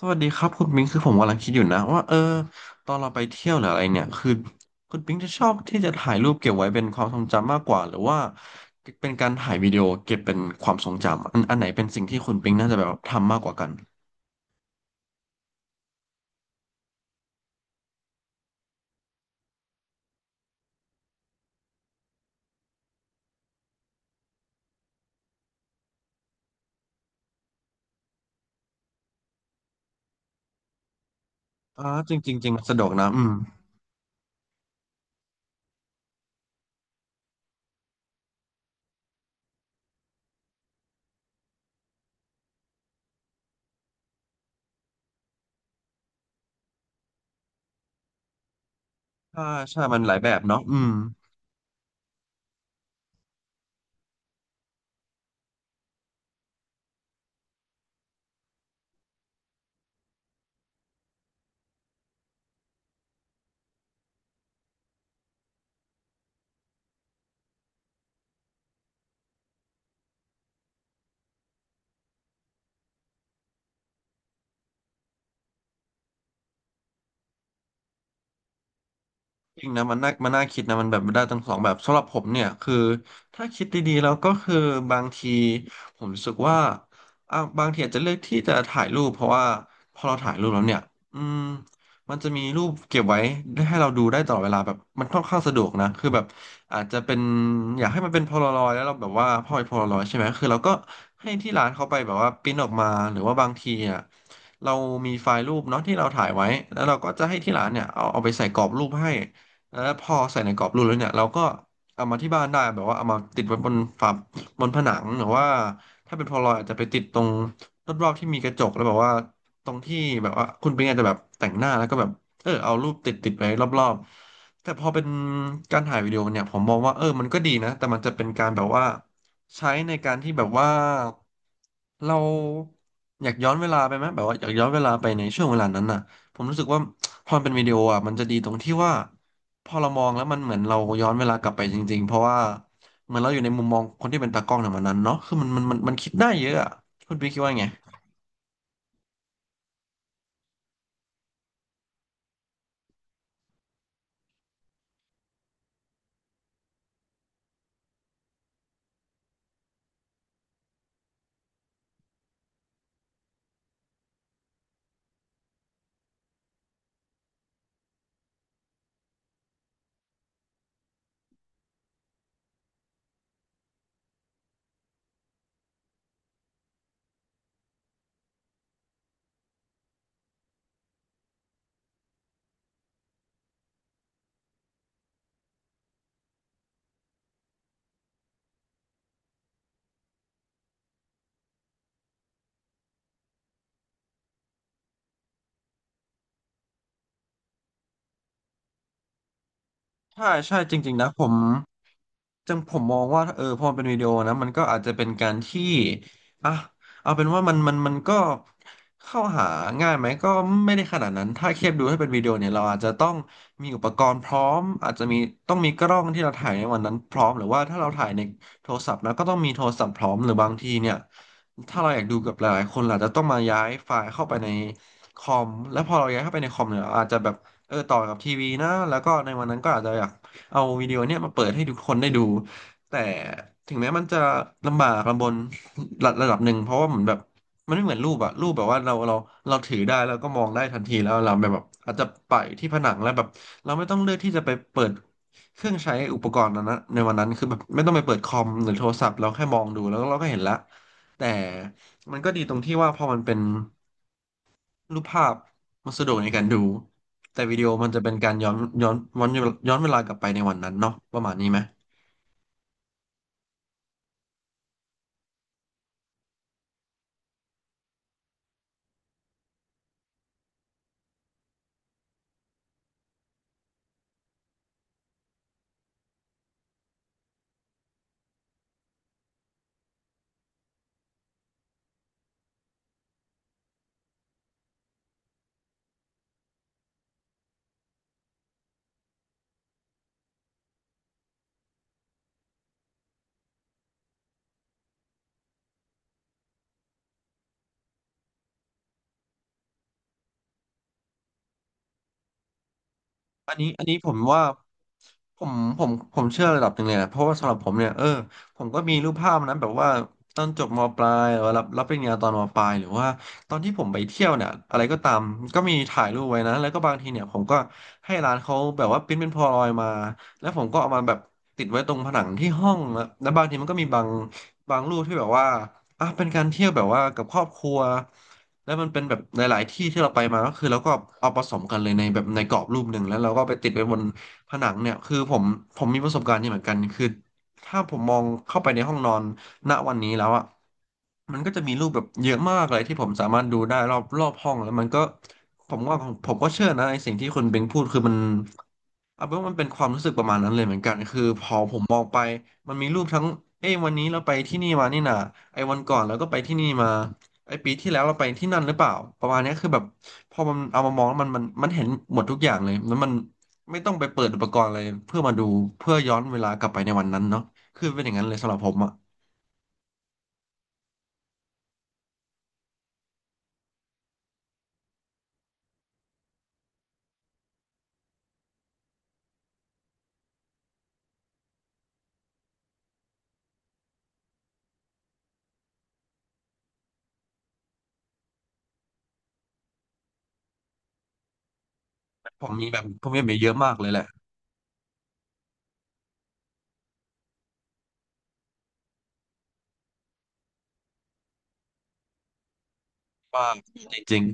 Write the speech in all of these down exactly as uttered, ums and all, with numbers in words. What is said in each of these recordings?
สวัสดีครับคุณปิงคือผมกำลังคิดอยู่นะว่าเออตอนเราไปเที่ยวหรืออะไรเนี่ยคือคุณปิงจะชอบที่จะถ่ายรูปเก็บไว้เป็นความทรงจำมากกว่าหรือว่าเป็นการถ่ายวิดีโอเก็บเป็นความทรงจำอันอันไหนเป็นสิ่งที่คุณปิงน่าจะแบบทำมากกว่ากันอ่าจริงจริงจริงมันสะดวกนะอืมใช่ใช่มันหลายแบบเนาะอืม จริงนะมันน่ามันน่าคิดนะมันแบบได้ทั้งสองแบบสำหรับผมเนี่ยคือถ้าคิดดีๆแล้วก็คือบางทีผมรู้สึกว่าอ่ะบางทีอาจจะเลือกที่จะถ่ายรูปเพราะว่าพอเราถ่ายรูปแล้วเนี่ยอืมมันจะมีรูปเก็บไว้ได้ให้เราดูได้ตลอดเวลาแบบมันค่อนข้างสะดวกนะคือแบบอาจจะเป็นอยากให้มันเป็นโพลารอยแล้วเราแบบว่าพอเป็นโพลารอยใช่ไหมคือเราก็ให้ที่ร้านเขาไปแบบว่าปริ้นออกมาหรือว่าบางทีอ่ะเรามีไฟล์รูปเนาะที่เราถ่ายไว้แล้วเราก็จะให้ที่ร้านเนี่ยเอาเอาไปใส่กรอบรูปให้ อ่าพอใส่ในกรอบรูปแล้วเนี่ยเราก็เอามาที่บ้านได้แบบว่าเอามาติดไว้บนฝาบนผนังหรือว่าถ้าเป็นพอลรอยอาจจะไปติดตรงรอบๆที่มีกระจกแล้วแบบว่าตรงที่แบบว่าคุณเป็นไงจจะแบบแต่งหน้าแล้วก็แบบเออเอารูปติดติดไว้รอบๆแต่พอเป็นการถ่ายวิดีโอเนี่ยผมมองว่าเออมันก็ดีนะแต่มันจะเป็นการแบบว่าใช้ในการที่แบบว่าเราอยากย้อนเวลาไปไหมแบบว่าอยากย้อนเวลาไปในช่วงเวลานั้นน่ะผมรู้สึกว่าพอมันเป็นวิดีโออ่ะมันจะดีตรงที่ว่า พอเรามองแล้วมันเหมือนเราย้อนเวลากลับไปจริงๆ เพราะว่าเหมือนเราอยู่ในมุมมองคนที่เป็นตากล้องในวันนั้นเนาะคือมันมันมันมันคิดได้เยอะอะคุณพี่คิดว่าไง ใช่ใช่จริงๆนะผม จังผมมองว่าเออพอมันเป็นวิดีโอนะมันก็อาจจะเป็นการที่อ่ะเอาเป็นว่ามันมันมันก็เข้าหาง่ายไหมก็ไม่ได้ขนาดนั้นถ้าเทียบดูให้เป็นวิดีโอเนี่ยเราอาจจะต้องมีอุปกรณ์พร้อมอาจจะมีต้องมีกล้องที่เราถ่ายในวันนั้นพร้อมหรือว่าถ้าเราถ่ายในโทรศัพท์นะก็ต้องมีโทรศัพท์พร้อมหรือบางทีเนี่ยถ้าเราอยากดูกับหลายๆคนเราอาจจะต้องมาย้ายไฟล์เข้าไปในคอมแล้วพอเราย้ายเข้าไปในคอมเนี่ยเราอาจจะแบบเออต่อกับทีวีนะแล้วก็ในวันนั้นก็อาจจะอยาก เอาวิดีโอเนี่ยมาเปิดให้ทุกคนได้ดูแต่ถึงแม้มันจะลำบากลำบนระระดับหนึ่งเพราะว่าเหมือนแบบมันไม่เหมือนรูปอะรูปแบบว่าเราเราเราถือได้แล้วก็มองได้ทันทีแล้วเราแบบอาจจะไปที่ผนังแล้วแบบเราไม่ต้องเลือกที่จะไปเปิดเครื่องใช้อุปกรณ์นั้นนะในวันนั้นคือแบบไม่ต้องไปเปิดคอมหรือโทรศัพท์เราแค่มองดูแล้วเราก็เห็นละแต่มันก็ดีตรงที่ว่าพอมันเป็น รูปภาพมันสะดวกในการดูแต่วิดีโอมันจะเป็นการย้อนย้อนย้อนย้อนเวลากลับไปในวันนั้นเนาะประมาณนี้ไหมอันนี้อันนี้ผมว่าผมผมผมเชื่อระดับหนึ่งเลยนะเพราะว่าสำหรับผมเนี่ยเออผมก็มีรูปภาพนั้นแบบว่าตอนจบมปลายหรือว่ารับรับปริญญาตอนมปลายหรือว่าตอนที่ผมไปเที่ยวเนี่ยอะไรก็ตามก็มีถ่ายรูปไว้นะแล้วก็บางทีเนี่ยผมก็ให้ร้านเขาแบบว่าพิมพ์เป็นโพลารอยด์มาแล้วผมก็เอามาแบบติดไว้ตรงผนังที่ห้องแล้วแล้วบางทีมันก็มีบาง บางรูปที่แบบว่าอ่ะเป็นการเที่ยวแบบว่ากับครอบครัวแล้วมันเป็นแบบหลายๆ ที่ที่เราไปมาก็คือเราก็เอาผสมกันเลยในแบบในกรอบรูปหนึ่งแล้วเราก็ไปติดไว้บนผนังเนี่ยคือผมผมมีประสบการณ์นี้เหมือนกันคือถ้าผมมองเข้าไปในห้องนอนณวันนี้แล้วอ่ะมันก็จะมีรูปแบบเยอะมากเลยที่ผมสามารถดูได้รอบรอบห้องแล้วมันก็ผมว่าผมก็เชื่อนะในสิ่งที่คุณเบงพูดคือมัน อ่ะเพราวมันเป็นความรู้สึกประมาณนั้นเลยเหมือนกันคือพอผมมองไปมันมีรูปทั้งเอ้ยวันนี้เราไปที่นี่มานี่นะไอ้วันก่อนเราก็ไปที่นี่มาไอ้ปีที่แล้วเราไปที่นั่นหรือเปล่าประมาณเนี้ยคือแบบพอมันเอามามองแล้วมันมันมันเห็นหมดทุกอย่างเลยแล้วมันไม่ต้องไปเปิดอุปกรณ์อะไรเพื่อมาดูเพื่อย้อนเวลากลับไปในวันนั้นเนาะคือเป็นอย่างนั้นเลยสำหรับผมอ่ะผมมีแบบผมมีแบบเยอะมากเลยแหละว่าจริง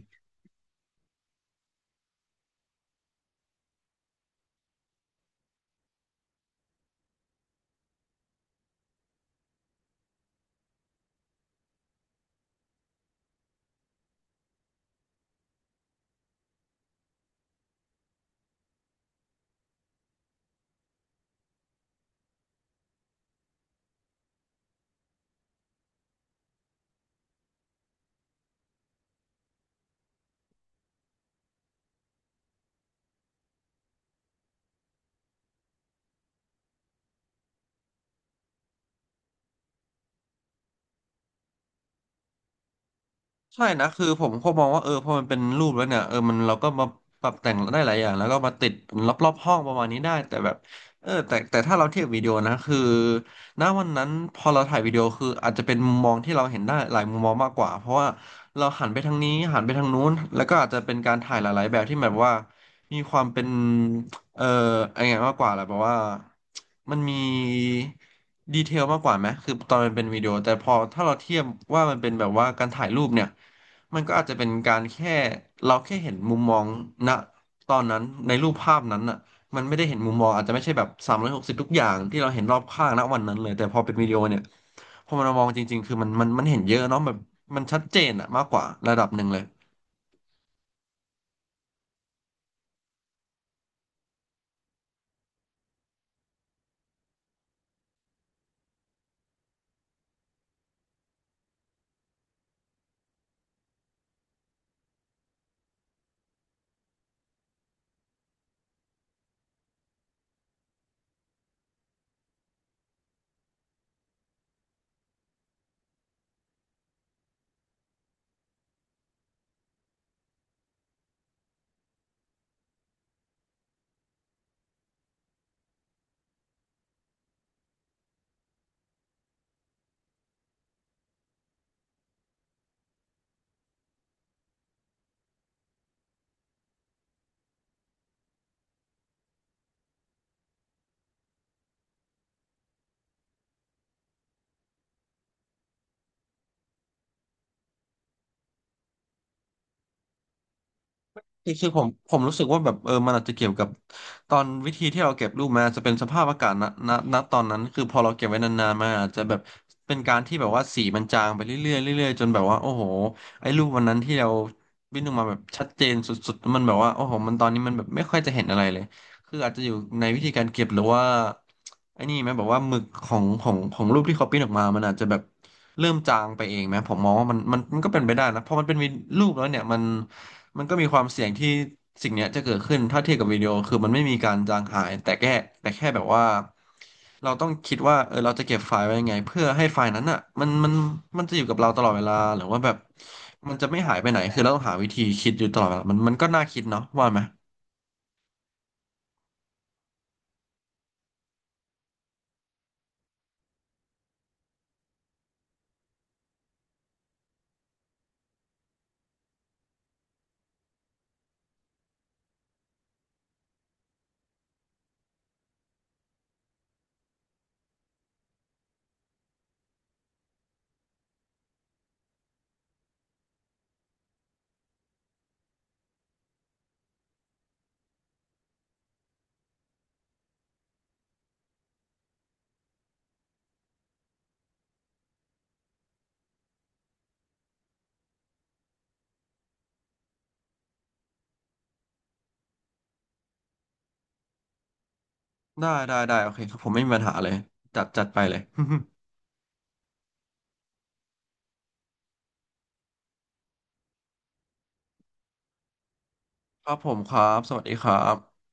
ใช่นะคือผมก็มองว่าเออพอมันเป็นรูปแล้วเนี่ยเออมันเราก็มาปรับแต่งได้หลายอย่างแล้วก็มาติดรอบๆห้องประมาณนี้ได้แต่แบบเออแต่แต่ถ้าเราเทียบวิดีโอนะคือณวันนั้นพอเราถ่ายวิดีโอคืออาจจะเป็นมุมมองที่เราเห็นได้หลายมุมมองมากกว่าเพราะว่าเราหันไปทางนี้หันไปทางนู้นแล้วก็อาจจะเป็นการถ่ายหลายๆแบบที่แบบว่ามีความเป็น เอ่อไอ้ไงมากกว่าแหละเพราะว่ามันมีดีเทลมากกว่าไหมคือตอนมันเป็นวิดีโอแต่พอถ้าเราเทียบว่ามันเป็นแบบว่าการถ่ายรูปเนี่ยมันก็อาจจะเป็นการแค่เราแค่เห็นมุมมองณตอนนั้นในรูปภาพนั้นอ่ะมันไม่ได้เห็นมุมมองอาจจะไม่ใช่แบบสามร้อยหกสิบทุกอย่างที่เราเห็นรอบข้างณวันนั้นเลยแต่พอเป็นวิดีโอเนี่ยพอมันมามองจริงๆคือมันมันมันเห็นเยอะเนาะแบบมันชัดเจนอะมากกว่าระดับหนึ่งเลย คือคือผมผมรู้สึกว่าแบบเออมันอาจจะเกี่ยวกับตอนวิธีที่เราเก็บรูปมาอาจจะเป็นสภาพอากาศณณณตอนนั้นคือพอเราเก็บไว้นานๆมาอาจจะแบบเป็นการที่แบบว่าสีมันจางไปเรื่อยๆเรื่อยๆจนแบบว่าโอ้โหไอ้รูปวันนั้นที่เราวิ่งออกมาแบบชัดเจนสุดๆมันแบบว่าโอ้โหมันตอนนี้มันแบบไม่ค่อยจะเห็นอะไรเลย คืออาจจะอยู่ในวิธีการเก็บหรือว่าไอ้นี่ไหมบอกว่าหมึกของของของรูปที่เขาปิ้นออกมามันอาจจะแบบเริ่มจางไปเองไหมผมมองว่ามันมันมันก็เป็นไปได้นะเพราะมันเป็นวิรูปแล้วเนี่ยมันมันก็มีความเสี่ยงที่สิ่งเนี้ยจะเกิดขึ้นถ้าเทียบกับวิดีโอคือมันไม่มีการจางหายแต่แค่แต่แค่แบบว่าเราต้องคิดว่าเออเราจะเก็บไฟล์ไว้ยังไงเพื่อให้ไฟล์นั้นอ่ะมันมันมันจะอยู่กับเราตลอดเวลาหรือว่าแบบมันจะไม่หายไปไหนคือเราต้องหาวิธีคิดอยู่ตลอดเวลามันมันก็น่าคิดเนาะว่าไหม ได้ได้ได้โอเคครับผมไม่มีปัญหาเลยจัดจัดไปเลย ครับผมครับสวัสดีครับ